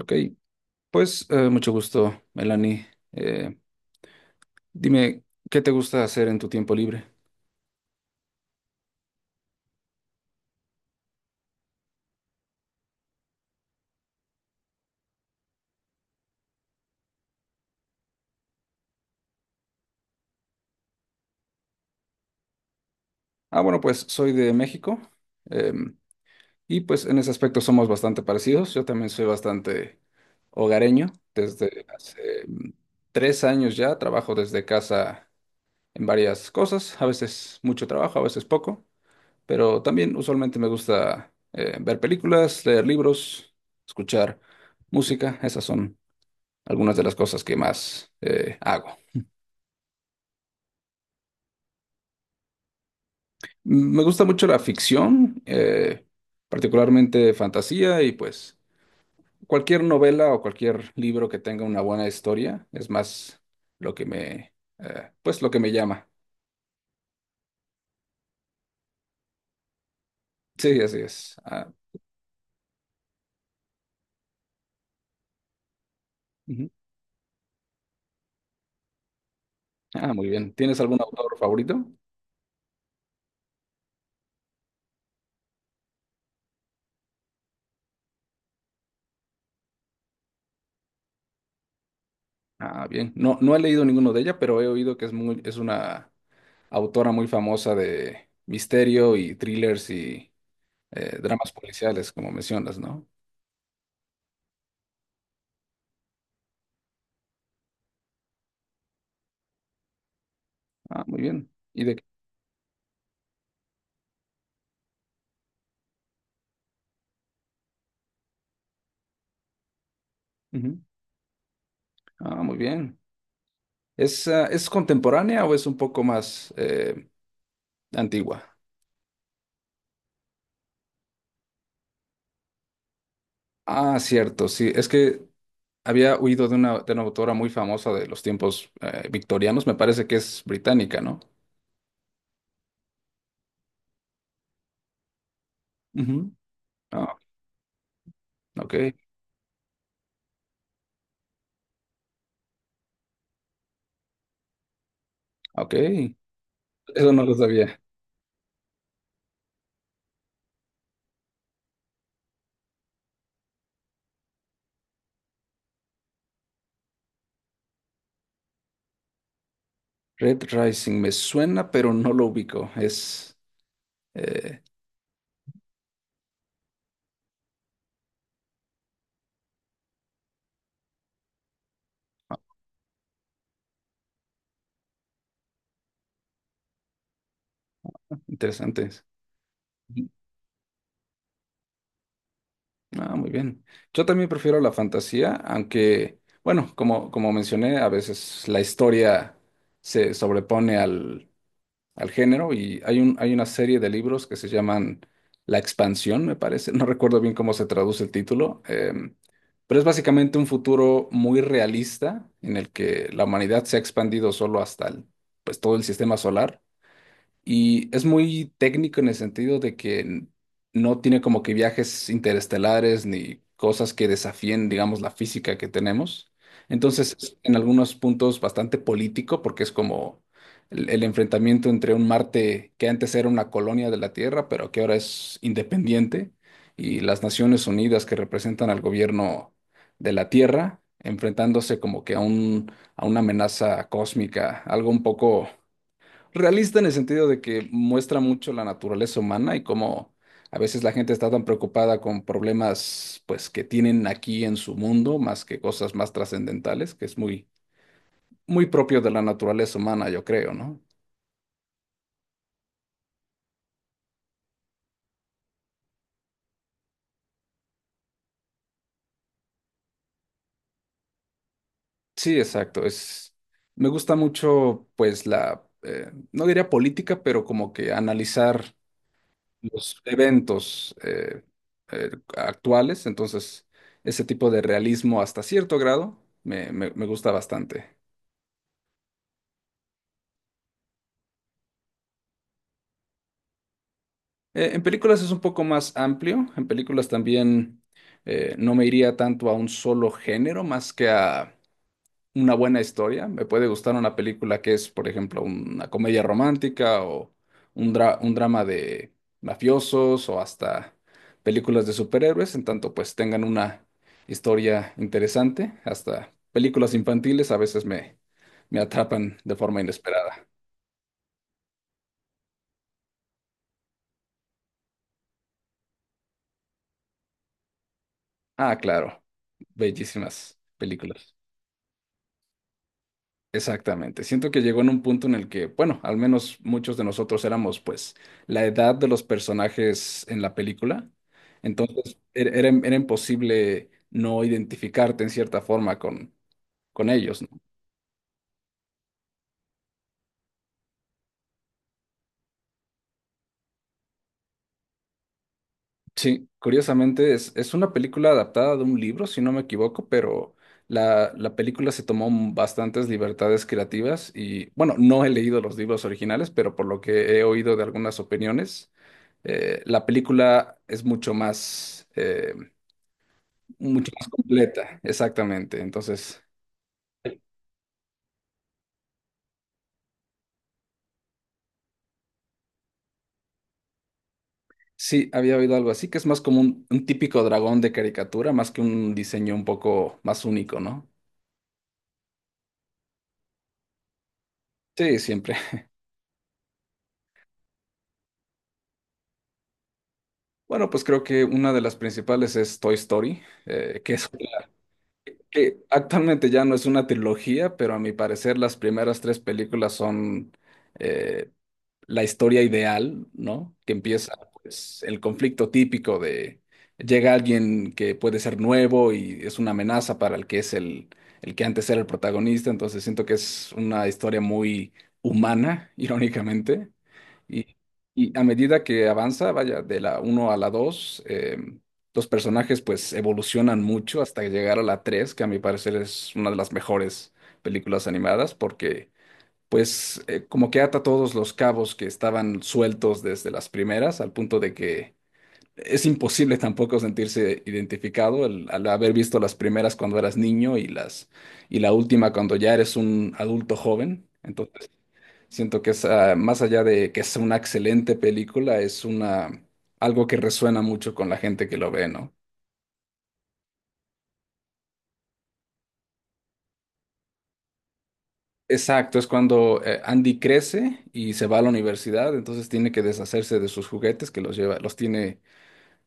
Ok, pues mucho gusto, Melanie. Eh, dime, ¿qué te gusta hacer en tu tiempo libre? Ah, bueno, pues soy de México em, y pues en ese aspecto somos bastante parecidos. Yo también soy bastante hogareño. Desde hace tres años ya trabajo desde casa en varias cosas, a veces mucho trabajo, a veces poco, pero también usualmente me gusta ver películas, leer libros, escuchar música. Esas son algunas de las cosas que más hago. Mm, me gusta mucho la ficción, particularmente fantasía y pues cualquier novela o cualquier libro que tenga una buena historia es más lo que pues lo que me llama. Sí, así es. Ah, ujú. Ah, muy bien. ¿Tienes algún autor favorito? Ah, bien. No, no he leído ninguno de ella, pero he oído que es es una autora muy famosa de misterio y thrillers y dramas policiales, como mencionas, ¿no? Ah, muy bien. ¿Y de qué? Ujú. Ah, muy bien. ¿Es, ah, es contemporánea o es un poco más antigua? Ah, cierto, sí. Es que había oído de de una autora muy famosa de los tiempos victorianos. Me parece que es británica, ¿no? Ujú. Ah, ok, ok. Eso no lo sabía. Red Rising me suena, pero no lo ubico. Es eh, interesante. Ujú. Ah, muy bien. Yo también prefiero la fantasía, aunque, bueno, como mencioné, a veces la historia se sobrepone al género y hay hay una serie de libros que se llaman La Expansión, me parece. No recuerdo bien cómo se traduce el título, pero es básicamente un futuro muy realista en el que la humanidad se ha expandido solo hasta pues, todo el sistema solar y es muy técnico en el sentido de que no tiene como que viajes interestelares ni cosas que desafíen, digamos, la física que tenemos. Entonces, es en algunos puntos bastante político, porque es como el enfrentamiento entre un Marte que antes era una colonia de la Tierra, pero que ahora es independiente, y las Naciones Unidas que representan al gobierno de la Tierra, enfrentándose como que a a una amenaza cósmica, algo un poco realista en el sentido de que muestra mucho la naturaleza humana y cómo a veces la gente está tan preocupada con problemas pues que tienen aquí en su mundo más que cosas más trascendentales, que es muy propio de la naturaleza humana, yo creo, ¿no? Sí, exacto, es me gusta mucho pues la no diría política, pero como que analizar los eventos actuales, entonces ese tipo de realismo hasta cierto grado me gusta bastante. En películas es un poco más amplio. En películas también no me iría tanto a un solo género más que a una buena historia. Me puede gustar una película que es, por ejemplo, una comedia romántica o un, un drama de mafiosos o hasta películas de superhéroes, en tanto pues tengan una historia interesante. Hasta películas infantiles a veces me atrapan de forma inesperada. Ah, claro. Bellísimas películas. Exactamente. Siento que llegó en un punto en el que, bueno, al menos muchos de nosotros éramos, pues, la edad de los personajes en la película. Entonces, era imposible no identificarte en cierta forma con ellos, ¿no? Sí, curiosamente es una película adaptada de un libro, si no me equivoco, pero la película se tomó bastantes libertades creativas y, bueno, no he leído los libros originales, pero por lo que he oído de algunas opiniones. La película es mucho más completa, exactamente. Entonces, sí, había oído algo así, que es más como un típico dragón de caricatura, más que un diseño un poco más único, ¿no? Sí, siempre. Bueno, pues creo que una de las principales es Toy Story, que actualmente ya no es una trilogía, pero a mi parecer las primeras tres películas son, eh, la historia ideal, ¿no? Que empieza, pues, el conflicto típico de llega alguien que puede ser nuevo y es una amenaza para el que es el que antes era el protagonista, entonces siento que es una historia muy humana, irónicamente, y, y a medida que avanza, vaya, de la uno a la 2, los personajes pues evolucionan mucho hasta llegar a la 3, que a mi parecer es una de las mejores películas animadas porque pues como que ata todos los cabos que estaban sueltos desde las primeras, al punto de que es imposible tampoco sentirse identificado al haber visto las primeras cuando eras niño y las y la última cuando ya eres un adulto joven. Entonces, siento que es más allá de que es una excelente película, es una algo que resuena mucho con la gente que lo ve, ¿no? Exacto, es cuando Andy crece y se va a la universidad, entonces tiene que deshacerse de sus juguetes que los lleva, los tiene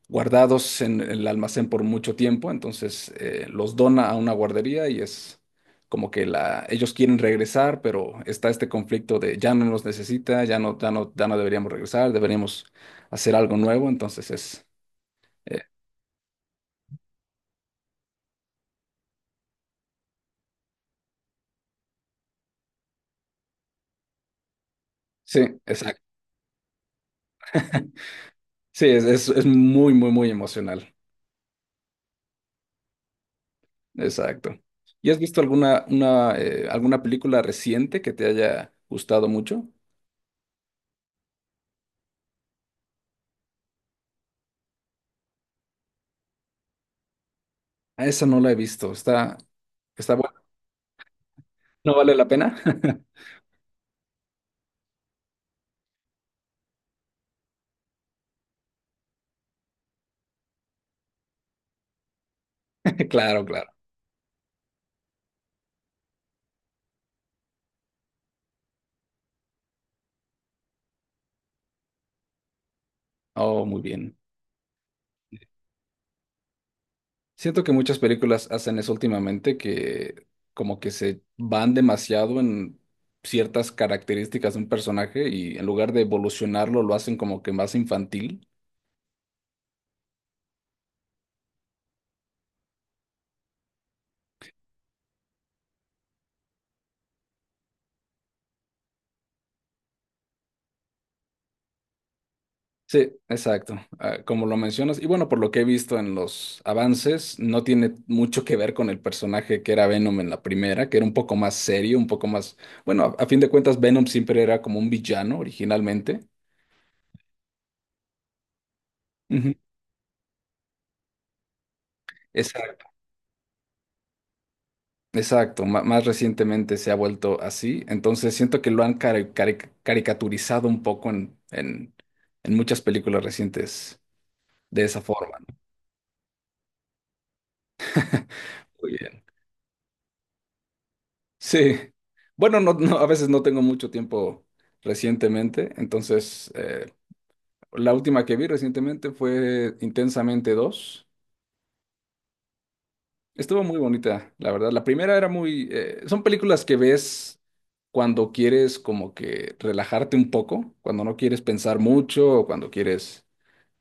guardados en el almacén por mucho tiempo, entonces los dona a una guardería y es como que ellos quieren regresar, pero está este conflicto de ya no nos necesita, ya no, ya no, ya no deberíamos regresar, deberíamos hacer algo nuevo, entonces es, eh, sí, exacto, sí, es muy, muy, muy emocional, exacto. ¿Y has visto alguna, una, alguna película reciente que te haya gustado mucho? Ah, esa no la he visto, está buena, ¿no vale la pena? Claro, claro. Oh, muy bien. Siento que muchas películas hacen eso últimamente, que como que se van demasiado en ciertas características de un personaje y en lugar de evolucionarlo lo hacen como que más infantil. Sí, exacto, como lo mencionas. Y bueno, por lo que he visto en los avances, no tiene mucho que ver con el personaje que era Venom en la primera, que era un poco más serio, un poco más... Bueno, a fin de cuentas, Venom siempre era como un villano originalmente. Ujú. Esa Exacto, más recientemente se ha vuelto así, entonces siento que lo han caricaturizado un poco en muchas películas recientes de esa forma, ¿no? Muy bien. Sí, bueno, no, no, a veces no tengo mucho tiempo recientemente, entonces la última que vi recientemente fue Intensamente dos. Estuvo muy bonita, la verdad. La primera era muy... son películas que ves cuando quieres como que relajarte un poco, cuando no quieres pensar mucho o cuando quieres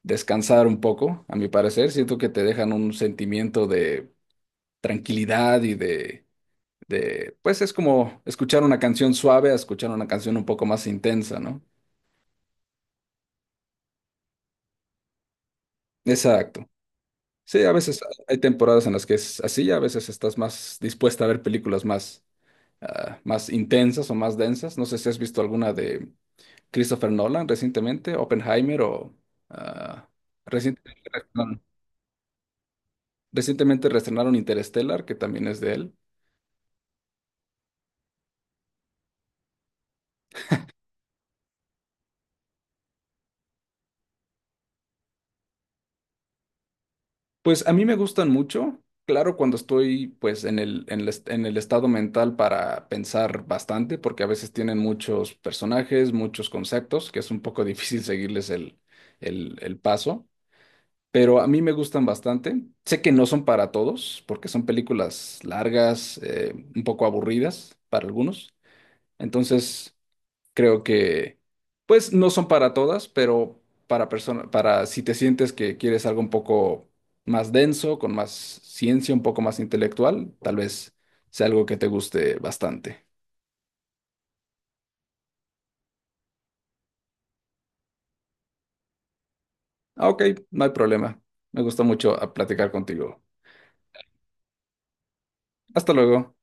descansar un poco, a mi parecer. Siento que te dejan un sentimiento de tranquilidad de... Pues es como escuchar una canción suave a escuchar una canción un poco más intensa, ¿no? Exacto. Sí, a veces hay temporadas en las que es así, a veces estás más dispuesta a ver películas más más intensas o más densas. No sé si has visto alguna de Christopher Nolan recientemente, Oppenheimer o ah, recien- perdón, recientemente reestrenaron Interstellar, que también es de él. Pues a mí me gustan mucho. Claro, cuando estoy pues en el estado mental para pensar bastante, porque a veces tienen muchos personajes, muchos conceptos, que es un poco difícil seguirles el paso. Pero a mí me gustan bastante. Sé que no son para todos, porque son películas largas, un poco aburridas para algunos. Entonces, creo que, pues, no son para todas, pero para si te sientes que quieres algo un poco más denso, con más ciencia, un poco más intelectual, tal vez sea algo que te guste bastante. Ah, ok, no hay problema. Me gustó mucho platicar contigo. Hasta luego.